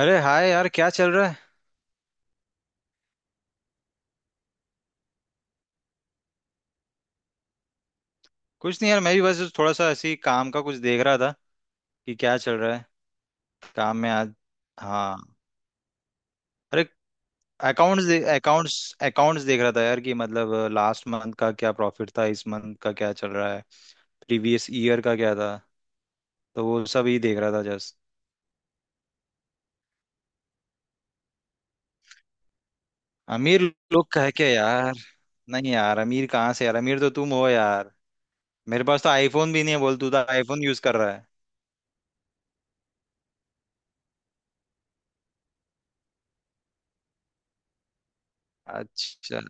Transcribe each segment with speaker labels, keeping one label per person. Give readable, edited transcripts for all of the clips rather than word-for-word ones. Speaker 1: अरे हाय यार, क्या चल रहा है। कुछ नहीं यार, मैं भी बस थोड़ा सा ऐसे ही काम का कुछ देख रहा था कि क्या चल रहा है। काम में आज। हाँ। अरे अकाउंट्स अकाउंट्स अकाउंट्स देख रहा था यार कि मतलब लास्ट मंथ का क्या प्रॉफिट था, इस मंथ का क्या चल रहा है, प्रीवियस ईयर का क्या था, तो वो सब ही देख रहा था जस्ट। अमीर लोग कह के यार, नहीं यार, अमीर कहाँ से यार, अमीर तो तुम हो यार। मेरे पास तो आईफोन भी नहीं है, बोल तू तो आईफोन यूज कर रहा है। अच्छा,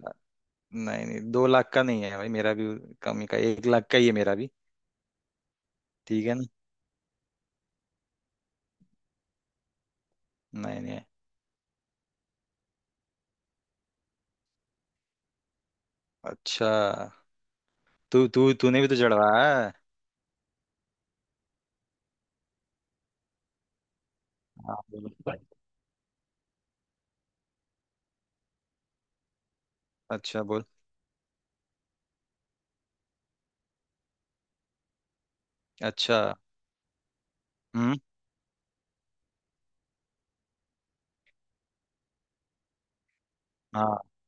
Speaker 1: नहीं नहीं 2 लाख का नहीं है भाई मेरा भी, कम ही का, 1 लाख का ही है मेरा भी। ठीक है ना। नहीं नहीं। अच्छा, तू तू तूने भी तो चढ़वाया है। हाँ बोलो। अच्छा बोल। अच्छा। हम्म। हाँ।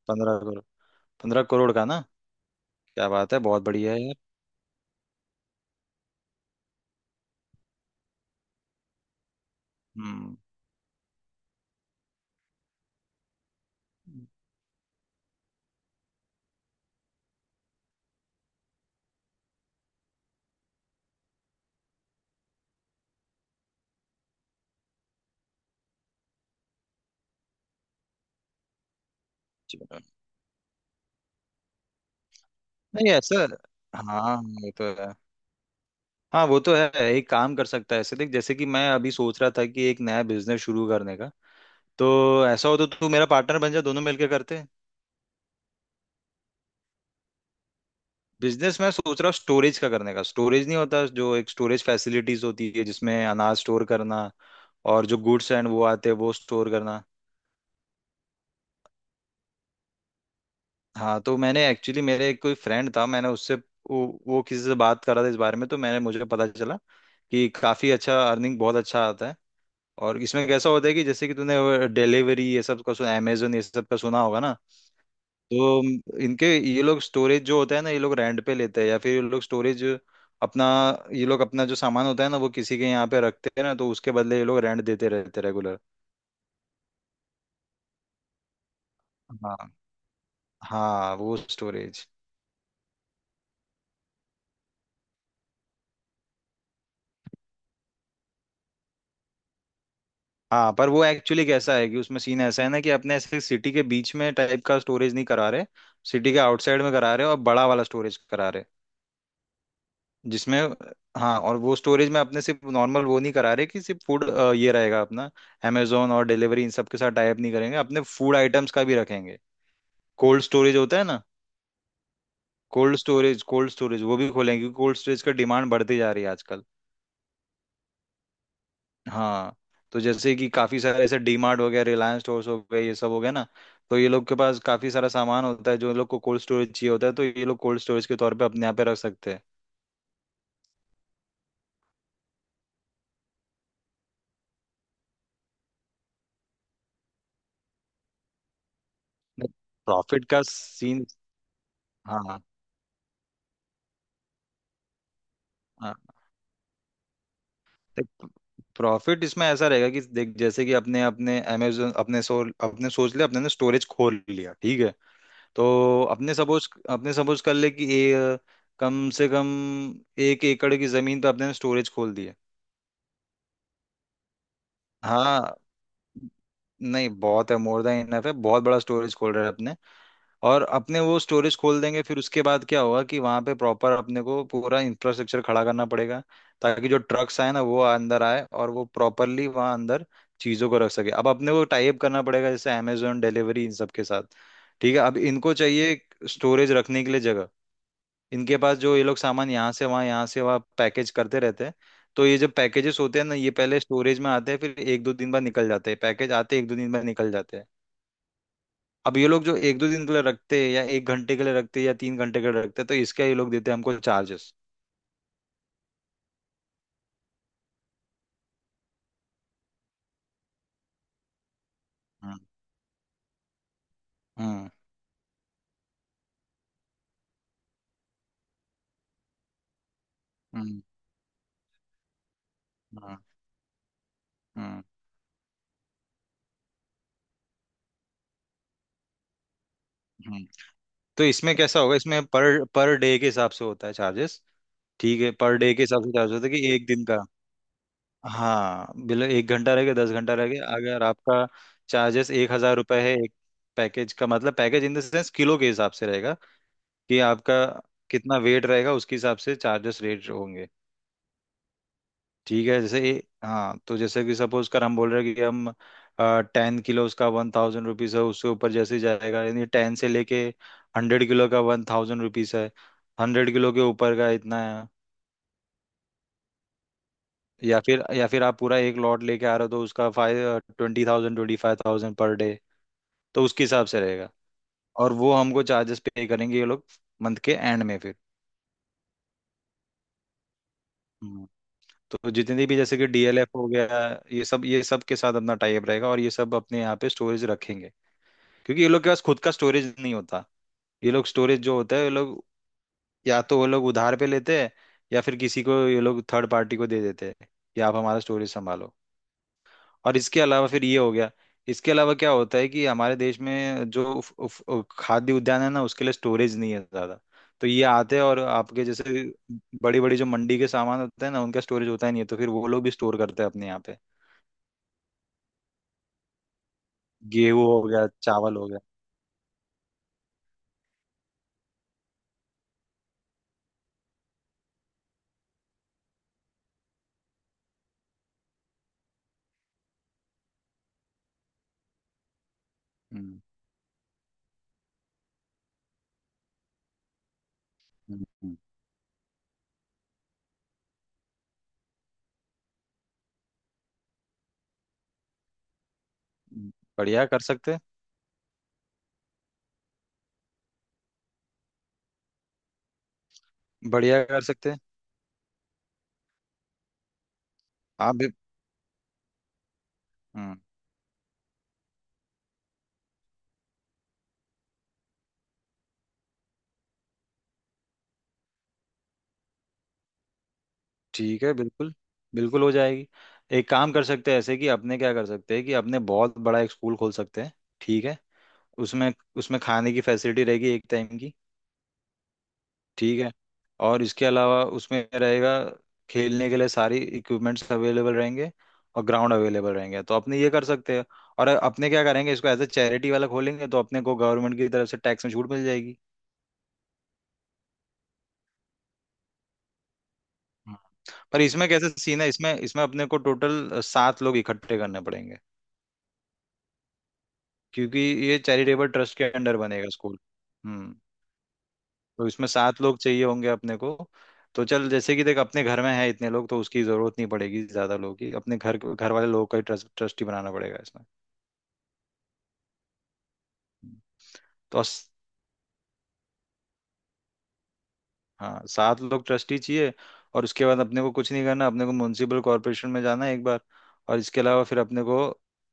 Speaker 1: 15 करोड़, 15 करोड़ का ना। क्या बात है, बहुत बढ़िया है यार। हम्म। चलो। नहीं ऐसा। हाँ ये तो है। हाँ वो तो है, एक काम कर सकता है, ऐसे देख जैसे कि मैं अभी सोच रहा था कि एक नया बिजनेस शुरू करने का, तो ऐसा हो तो तू मेरा पार्टनर बन जा, दोनों मिलके करते हैं। बिजनेस मैं सोच रहा हूँ स्टोरेज का करने का। स्टोरेज नहीं होता, जो एक स्टोरेज फैसिलिटीज होती है जिसमें अनाज स्टोर करना और जो गुड्स एंड वो आते हैं वो स्टोर करना। हाँ तो मैंने एक्चुअली, मेरे एक कोई फ्रेंड था, मैंने उससे वो किसी से बात कर रहा था इस बारे में, तो मैंने मुझे पता चला कि काफी अच्छा अर्निंग बहुत अच्छा आता है। और इसमें कैसा होता है कि जैसे कि तूने डिलीवरी ये सब का सुना, अमेजोन ये सब का सुना होगा ना। तो इनके, ये लोग स्टोरेज जो होता है ना ये लोग रेंट पे लेते हैं, या फिर ये लोग स्टोरेज अपना, ये लोग अपना जो सामान होता है ना वो किसी के यहाँ पे रखते हैं ना, तो उसके बदले ये लोग रेंट देते रहते रेगुलर। हाँ। हाँ वो स्टोरेज। हाँ पर वो एक्चुअली कैसा है कि उसमें सीन ऐसा है ना कि अपने ऐसे सिटी के बीच में टाइप का स्टोरेज नहीं करा रहे, सिटी के आउटसाइड में करा रहे और बड़ा वाला स्टोरेज करा रहे, जिसमें, हाँ। और वो स्टोरेज में अपने सिर्फ नॉर्मल वो नहीं करा रहे कि सिर्फ फूड ये रहेगा अपना, अमेजोन और डिलीवरी इन सब के साथ टाई अप नहीं करेंगे, अपने फूड आइटम्स का भी रखेंगे। कोल्ड स्टोरेज होता है ना, कोल्ड स्टोरेज वो भी खोलेंगे क्योंकि कोल्ड स्टोरेज का डिमांड बढ़ती जा रही है आजकल। हाँ। तो जैसे कि काफी सारे ऐसे डीमार्ट हो गया, रिलायंस स्टोर्स हो गए, ये सब हो गया ना, तो ये लोग के पास काफी सारा सामान होता है जो लोग को कोल्ड स्टोरेज चाहिए होता है, तो ये लोग कोल्ड स्टोरेज के तौर पे अपने यहाँ पे रख सकते हैं। प्रॉफिट का सीन। हाँ। हाँ। प्रॉफिट इसमें ऐसा रहेगा कि देख, जैसे कि अपने अपने अमेजोन, अपने सोच लिया, अपने ने स्टोरेज खोल लिया, ठीक है। तो अपने सपोज कर ले कि ए, कम से कम 1 एकड़ की जमीन पे अपने ने स्टोरेज खोल दी है। हाँ, नहीं बहुत है, मोर देन इनफ है, बहुत बड़ा स्टोरेज खोल रहे हैं अपने। और अपने वो स्टोरेज खोल देंगे, फिर उसके बाद क्या होगा कि वहां पे प्रॉपर अपने को पूरा इंफ्रास्ट्रक्चर खड़ा करना पड़ेगा, ताकि जो ट्रक्स आए ना वो अंदर आए और वो प्रॉपरली वहां अंदर चीजों को रख सके। अब अपने को टाइप करना पड़ेगा जैसे अमेजोन डिलीवरी इन सब के साथ। ठीक है, अब इनको चाहिए स्टोरेज रखने के लिए जगह। इनके पास जो, ये लोग सामान यहाँ से वहाँ, यहाँ से वहाँ पैकेज करते रहते हैं, तो ये जो पैकेजेस होते हैं ना ये पहले स्टोरेज में आते हैं फिर एक दो दिन बाद निकल जाते हैं, पैकेज आते हैं एक दो दिन बाद निकल जाते हैं। अब ये लोग जो एक दो दिन के लिए रखते हैं या 1 घंटे के लिए रखते हैं या 3 घंटे के लिए रखते हैं, तो इसका ये लोग देते हैं हमको चार्जेस। हम्म। हम्म। हम्म। हम्म। हम्म। हम्म। तो इसमें कैसा होगा, इसमें पर डे के हिसाब से होता है चार्जेस। ठीक है, पर डे के हिसाब से चार्ज होता है कि एक दिन का। हाँ, बिल 1 घंटा रह गया, 10 घंटा रह गया, अगर आपका चार्जेस 1,000 रुपये है एक पैकेज का, मतलब package in the sense kilo के हिसाब से रहेगा कि आपका कितना वेट रहेगा, उसके हिसाब से चार्जेस रेट होंगे। ठीक है, जैसे हाँ, तो जैसे कि सपोज कर हम बोल रहे हैं कि हम 10 किलो उसका 1,000 रुपीज़ है, उससे ऊपर जैसे ही जाएगा, यानी टेन से लेके 100 किलो का 1,000 रुपीज़ है, 100 किलो के ऊपर का इतना है। या फिर आप पूरा एक लॉट लेके आ रहे हो, तो उसका 5,20,000, 25,000 पर डे, तो उसके हिसाब से रहेगा। और वो हमको चार्जेस पे करेंगे ये लोग मंथ के एंड में फिर। हम्म। तो जितनी भी जैसे कि डीएलएफ हो गया, ये सब, ये सब के साथ अपना टाइप रहेगा और ये सब अपने यहाँ पे स्टोरेज रखेंगे, क्योंकि ये लोग के पास खुद का स्टोरेज नहीं होता। ये लोग स्टोरेज जो होता है, ये लोग या तो वो लोग उधार पे लेते हैं, या फिर किसी को ये लोग थर्ड पार्टी को दे देते हैं कि आप हमारा स्टोरेज संभालो। और इसके अलावा फिर ये हो गया। इसके अलावा क्या होता है कि हमारे देश में जो उफ, उफ, उफ, खाद्य उद्यान है ना उसके लिए स्टोरेज नहीं है ज्यादा, तो ये आते हैं और आपके जैसे बड़ी बड़ी जो मंडी के सामान होते हैं ना उनका स्टोरेज होता ही नहीं है, तो फिर वो लोग भी स्टोर करते हैं अपने यहाँ पे, गेहूं हो गया, चावल हो गया। हम्म। हम्म। हम्म। हम्म। बढ़िया कर सकते हैं। बढ़िया कर सकते हैं। आप भी। हम्म, ठीक है, बिल्कुल बिल्कुल हो जाएगी। एक काम कर सकते हैं ऐसे, कि अपने क्या कर सकते हैं कि अपने बहुत बड़ा एक स्कूल खोल सकते हैं, ठीक है। उसमें, उसमें खाने की फैसिलिटी रहेगी एक टाइम की, ठीक है। और इसके अलावा उसमें रहेगा खेलने के लिए सारी इक्विपमेंट्स अवेलेबल रहेंगे, और ग्राउंड अवेलेबल रहेंगे, तो अपने ये कर सकते हैं। और अपने क्या करेंगे, इसको एज ए चैरिटी वाला खोलेंगे तो अपने को गवर्नमेंट की तरफ से टैक्स में छूट मिल जाएगी। हम्म। पर इसमें कैसे सीन है, इसमें इसमें अपने को टोटल सात लोग इकट्ठे करने पड़ेंगे, क्योंकि ये चैरिटेबल ट्रस्ट के अंडर बनेगा स्कूल। हम्म। तो इसमें सात लोग चाहिए होंगे अपने को, तो चल जैसे कि देख अपने घर में है इतने लोग तो उसकी जरूरत नहीं पड़ेगी ज्यादा लोगों की, अपने घर, घर वाले लोगों का ही ट्रस्ट, ट्रस्टी बनाना पड़ेगा इसमें। हम्म। तो अस- हाँ, सात लोग ट्रस्टी चाहिए, और उसके बाद अपने को कुछ नहीं करना, अपने को म्यूनसिपल कॉरपोरेशन में जाना है एक बार, और इसके अलावा फिर अपने को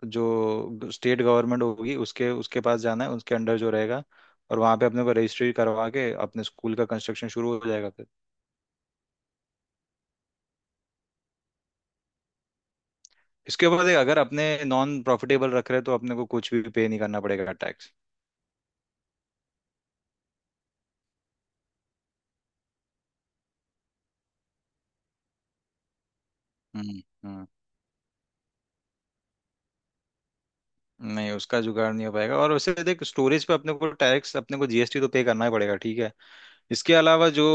Speaker 1: जो स्टेट गवर्नमेंट होगी उसके उसके पास जाना है, उसके अंडर जो रहेगा, और वहाँ पे अपने को रजिस्ट्री करवा के अपने स्कूल का कंस्ट्रक्शन शुरू हो जाएगा। इसके ऊपर देख, अगर अपने नॉन प्रॉफिटेबल रख रहे हैं तो अपने को कुछ भी पे नहीं करना पड़ेगा टैक्स। हम्म। हम्म। नहीं, उसका जुगाड़ नहीं हो पाएगा, और वैसे देख स्टोरेज पे अपने को टैक्स, अपने को जीएसटी तो पे करना ही पड़ेगा, ठीक है। इसके अलावा जो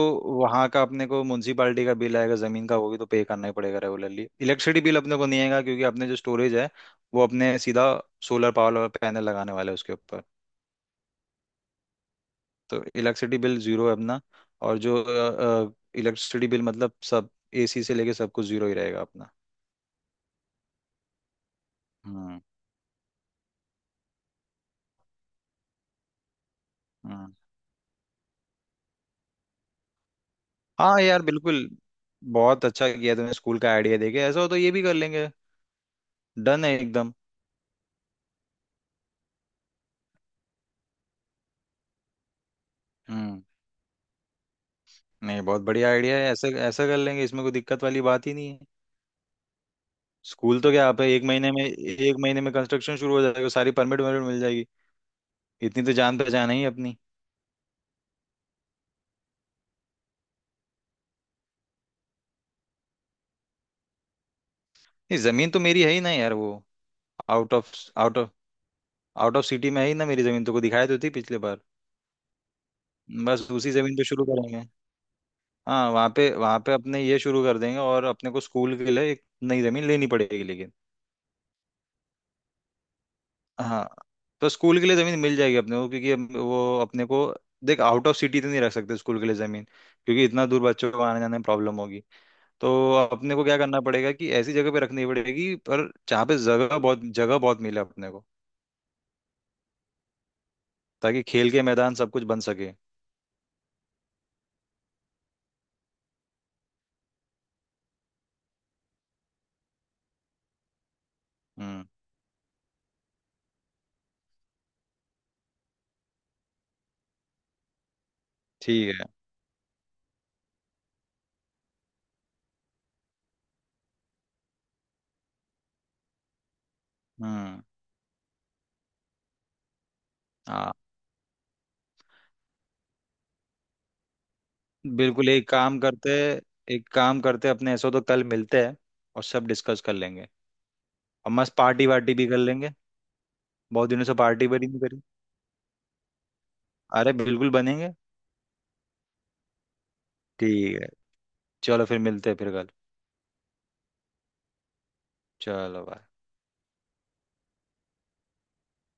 Speaker 1: वहाँ का अपने को म्यूनसिपालिटी का बिल आएगा जमीन का, वो भी तो पे करना ही पड़ेगा रेगुलरली। इलेक्ट्रिसिटी बिल अपने को नहीं आएगा क्योंकि अपने जो स्टोरेज है वो अपने सीधा सोलर पावर पैनल लगाने वाले हैं उसके ऊपर। तो इलेक्ट्रिसिटी बिल जीरो है अपना। और जो इलेक्ट्रिसिटी बिल, मतलब सब एसी से लेके सब कुछ जीरो ही रहेगा अपना। हाँ। हाँ यार बिल्कुल, बहुत अच्छा किया तुमने स्कूल का आइडिया देके, ऐसा हो तो ये भी कर लेंगे। डन है एकदम। हम्म। नहीं बहुत बढ़िया आइडिया है, ऐसा ऐसा कर लेंगे, इसमें कोई दिक्कत वाली बात ही नहीं है। स्कूल तो क्या, आप एक महीने में कंस्ट्रक्शन शुरू हो जाएगा, सारी परमिट वर्मिट मिल जाएगी, इतनी तो जान पहचान है ही अपनी। नहीं जमीन तो मेरी है ही ना यार वो, out of out of out of city में है ही ना मेरी जमीन, तो को दिखाई तो थी पिछले बार। बस उसी जमीन पे शुरू करेंगे। हाँ वहाँ पे अपने ये शुरू कर देंगे, और अपने को स्कूल के लिए एक नई जमीन लेनी पड़ेगी लेकिन। हाँ। तो स्कूल के लिए जमीन मिल जाएगी अपने को, क्योंकि अब वो अपने को, देख आउट ऑफ सिटी तो नहीं रख सकते स्कूल के लिए जमीन क्योंकि इतना दूर बच्चों को आने जाने में प्रॉब्लम होगी। तो अपने को क्या करना पड़ेगा कि ऐसी जगह पे रखनी पड़ेगी पर जहाँ पे जगह बहुत, जगह बहुत मिले अपने को, ताकि खेल के मैदान सब कुछ बन सके। हम्म। ठीक है। हम्म। हाँ बिल्कुल। एक काम करते अपने, ऐसा हो तो कल मिलते हैं और सब डिस्कस कर लेंगे, और मस्त पार्टी वार्टी भी कर लेंगे, बहुत दिनों से पार्टी बड़ी नहीं करी। अरे बिल्कुल बनेंगे। ठीक है, चलो फिर मिलते हैं फिर कल। चलो बाय।